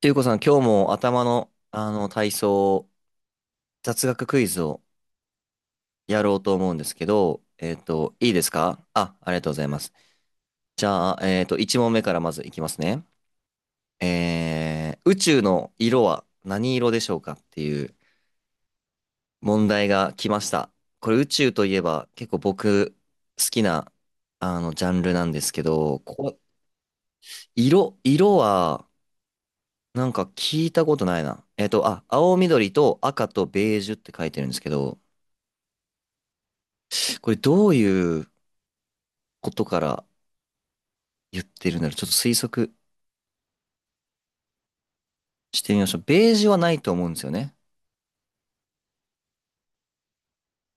ていうこさん、今日も頭の、体操、雑学クイズをやろうと思うんですけど、いいですかあ。ありがとうございます。じゃあ、1問目からまずいきますね。宇宙の色は何色でしょうかっていう問題が来ました。これ宇宙といえば結構僕好きな、ジャンルなんですけど、ここ、色はなんか聞いたことないな。あ、青緑と赤とベージュって書いてるんですけど、これどういうことから言ってるんだろう。ちょっと推測してみましょう。ベージュはないと思うんですよね。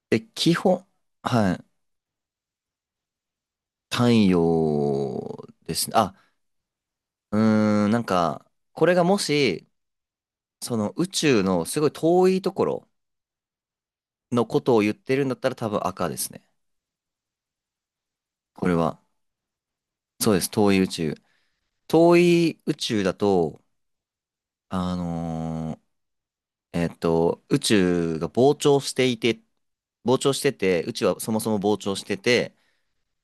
で、基本、はい。太陽ですね。あ、うなんか、これがもし、その宇宙のすごい遠いところのことを言ってるんだったら多分赤ですね。これは。そうです。遠い宇宙。遠い宇宙だと、あのー宇宙が膨張していて、膨張してて、宇宙はそもそも膨張してて、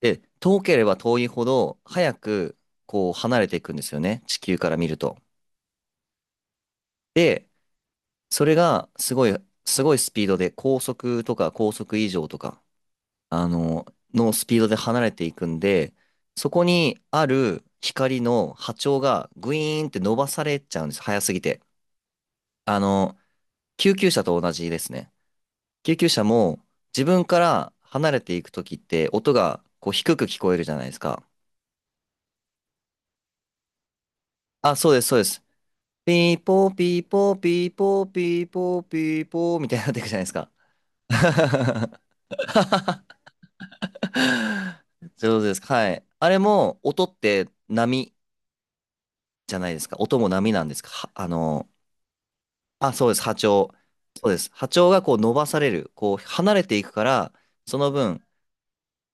で、遠ければ遠いほど、早く、こう、離れていくんですよね。地球から見ると。で、それが、すごいスピードで、高速とか高速以上とか、あの、のスピードで離れていくんで、そこにある光の波長がグイーンって伸ばされちゃうんです。早すぎて。あの、救急車と同じですね。救急車も、自分から離れていくときって、音が、こう、低く聞こえるじゃないですか。あ、そうです、そうです。ピーポーピーポーピーポーピーポーピーポーみたいになっていくじゃないですか。上手ですか。はい。あれも音って波じゃないですか。音も波なんですか。はあ、そうです。波長。そうです。波長がこう伸ばされる。こう離れていくから、その分、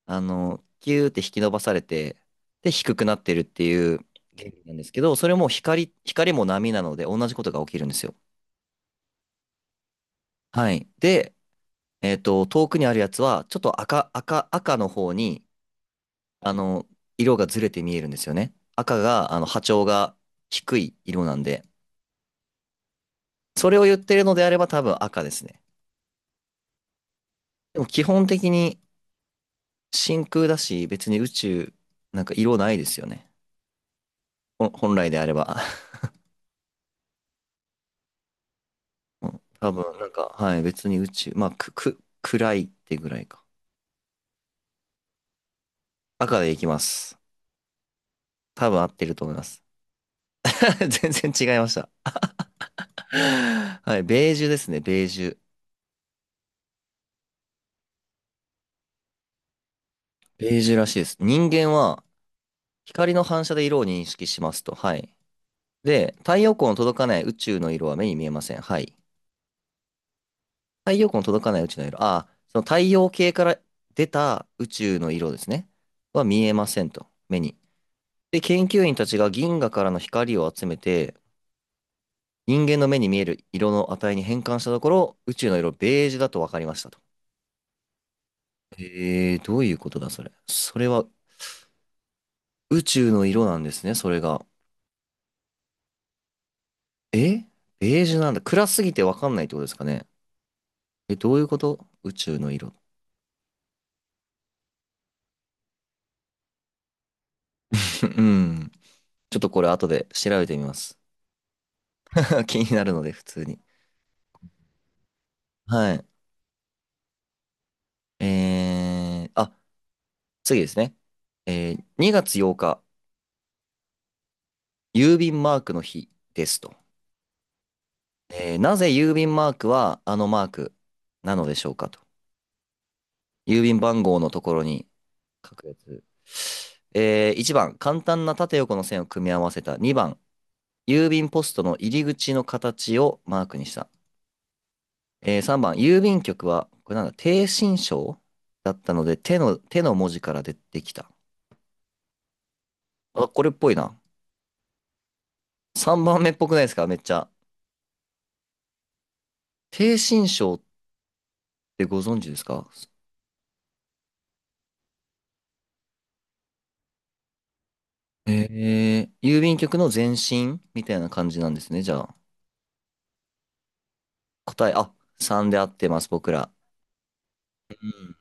キューって引き伸ばされて、で、低くなってるっていう原理なんですけど、それも光も波なので同じことが起きるんですよ。はい。で、遠くにあるやつは、ちょっと赤の方に、あの、色がずれて見えるんですよね。赤が、波長が低い色なんで、それを言ってるのであれば多分赤ですね。でも基本的に真空だし、別に宇宙、なんか色ないですよね。ほん本来であれば。うん多分、なんか、はい、別に宇宙、まあ、暗いってぐらいか。赤でいきます。多分合ってると思います。全然違いました。はい、ベージュですね、ベージュ。ベージュらしいです。人間は光の反射で色を認識しますと。はい。で、太陽光の届かない宇宙の色は目に見えません。はい。太陽光の届かない宇宙の色。ああ、その太陽系から出た宇宙の色ですね。は見えませんと。目に。で、研究員たちが銀河からの光を集めて、人間の目に見える色の値に変換したところ、宇宙の色ベージュだと分かりましたと。どういうことだそれ。それは宇宙の色なんですね、それが。えベージュなんだ。暗すぎてわかんないってことですかね。え、どういうこと宇宙の色。うん。ちょっとこれ後で調べてみます。気になるので、普通に。はい。あ、次ですね。2月8日、郵便マークの日ですと。なぜ郵便マークはあのマークなのでしょうかと。郵便番号のところに書くやつ。1番、簡単な縦横の線を組み合わせた。2番、郵便ポストの入り口の形をマークにした。えー3番、郵便局は、これなんだ、低心章だったので、手の文字から出てきた。あ、これっぽいな。3番目っぽくないですかめっちゃ。低心章ってご存知ですか？郵便局の前身みたいな感じなんですね。じゃあ、答え、あ、3で合ってます、僕ら。うん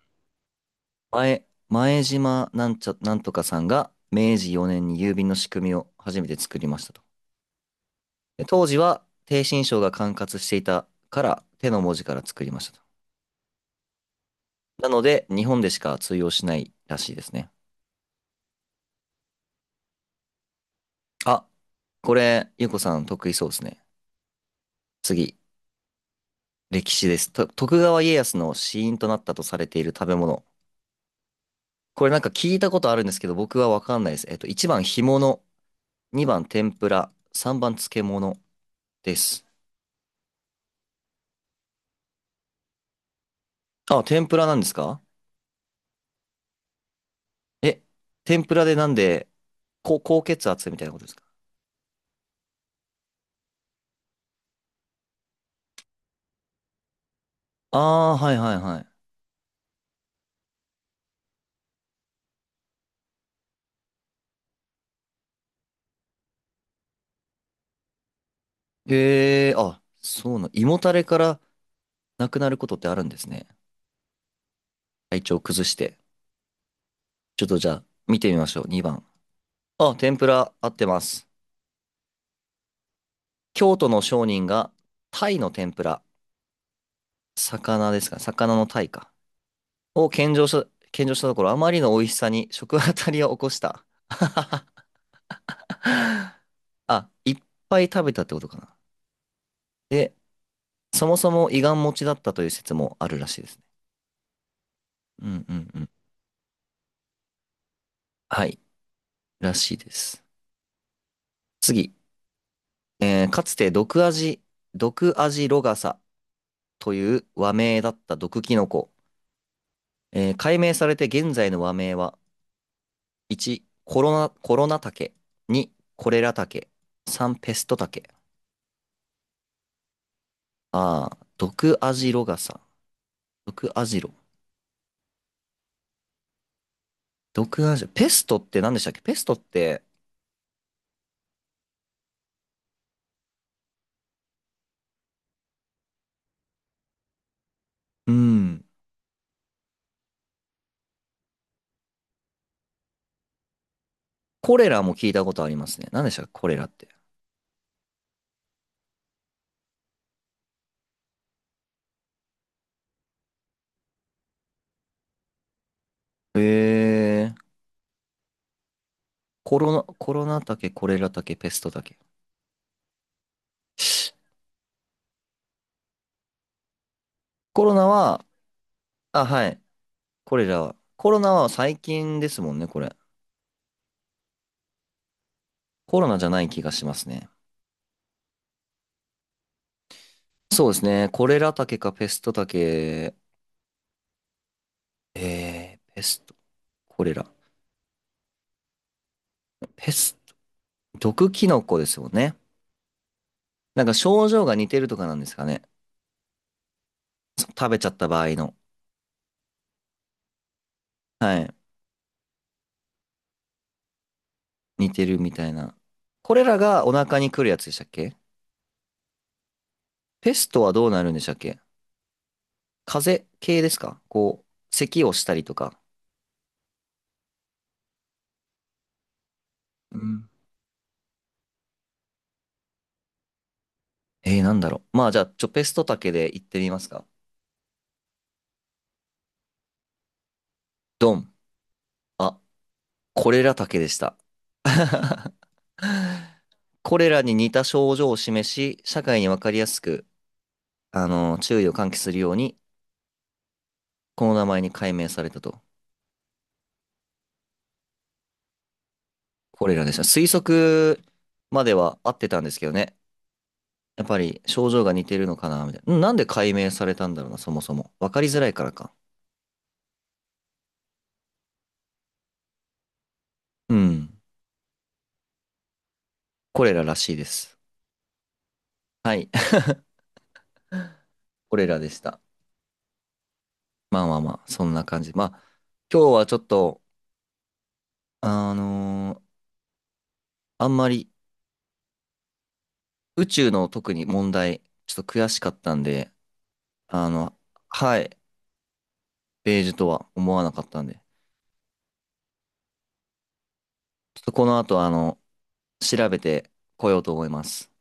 前島なんとかさんが明治4年に郵便の仕組みを初めて作りましたと。で当時は低身章が管轄していたから手の文字から作りましたと。なので日本でしか通用しないらしいですね。あ、これ、ゆうこさん得意そうですね。次、歴史です。と徳川家康の死因となったとされている食べ物。これなんか聞いたことあるんですけど、僕はわかんないです。1番干物、2番天ぷら、3番漬物です。あ、天ぷらなんですか？え、天ぷらでなんで、高血圧みたいなことですか？ああー、はいはいはい。へえ、あ、そうな、胃もたれからなくなることってあるんですね。体調崩して。ちょっとじゃあ、見てみましょう。2番。あ、天ぷら合ってます。京都の商人が、タイの天ぷら、魚ですか、魚のタイか、を献上したところ、あまりの美味しさに食あたりを起こした。あ、いっぱい食べたってことかな。で、そもそも胃がん持ちだったという説もあるらしいですね。うんうんうん。はい、らしいです。次。えーかつて毒味ロガサという和名だった毒キノコ。えー解明されて現在の和名は、1、コロナタケ、2、コレラタケ、3、ペストタケ。ああ、毒味ロガサ。毒味ロ。毒味ロ、ペストって何でしたっけ？ペストって、うん、コレラも聞いたことありますね。何でしたっけコレラって。えー、コロナタケ、コレラタケ、ペストタケ。コロナは、あ、はい。これじゃあ、コロナは最近ですもんね、これ。コロナじゃない気がしますね。そうですね。コレラ竹かペスト竹。ペスト、コレラ。ペスト、毒キノコですもんね。なんか症状が似てるとかなんですかね。そ食べちゃった場合の。はい。似てるみたいな。これらがお腹に来るやつでしたっけ？ペストはどうなるんでしたっけ？風邪系ですかこう、咳をしたりとか。うん。なんだろう。まあじゃあ、ちょ、ペスト竹で行ってみますか。ドン。あこれらだけでした。これらに似た症状を示し、社会にわかりやすく、注意を喚起するように、この名前に改名されたと。これらでした。推測までは合ってたんですけどね。やっぱり症状が似てるのかな、みたいな。うんなんで改名されたんだろうな、そもそも。わかりづらいからか。うん。これららしいです。はい。これらでした。まあまあまあ、そんな感じ。まあ、今日はちょっと、あのーあんまり宇宙の特に問題、ちょっと悔しかったんで、あの、はい、ベージュとは思わなかったんで、ちょっとこの後、調べてこようと思います。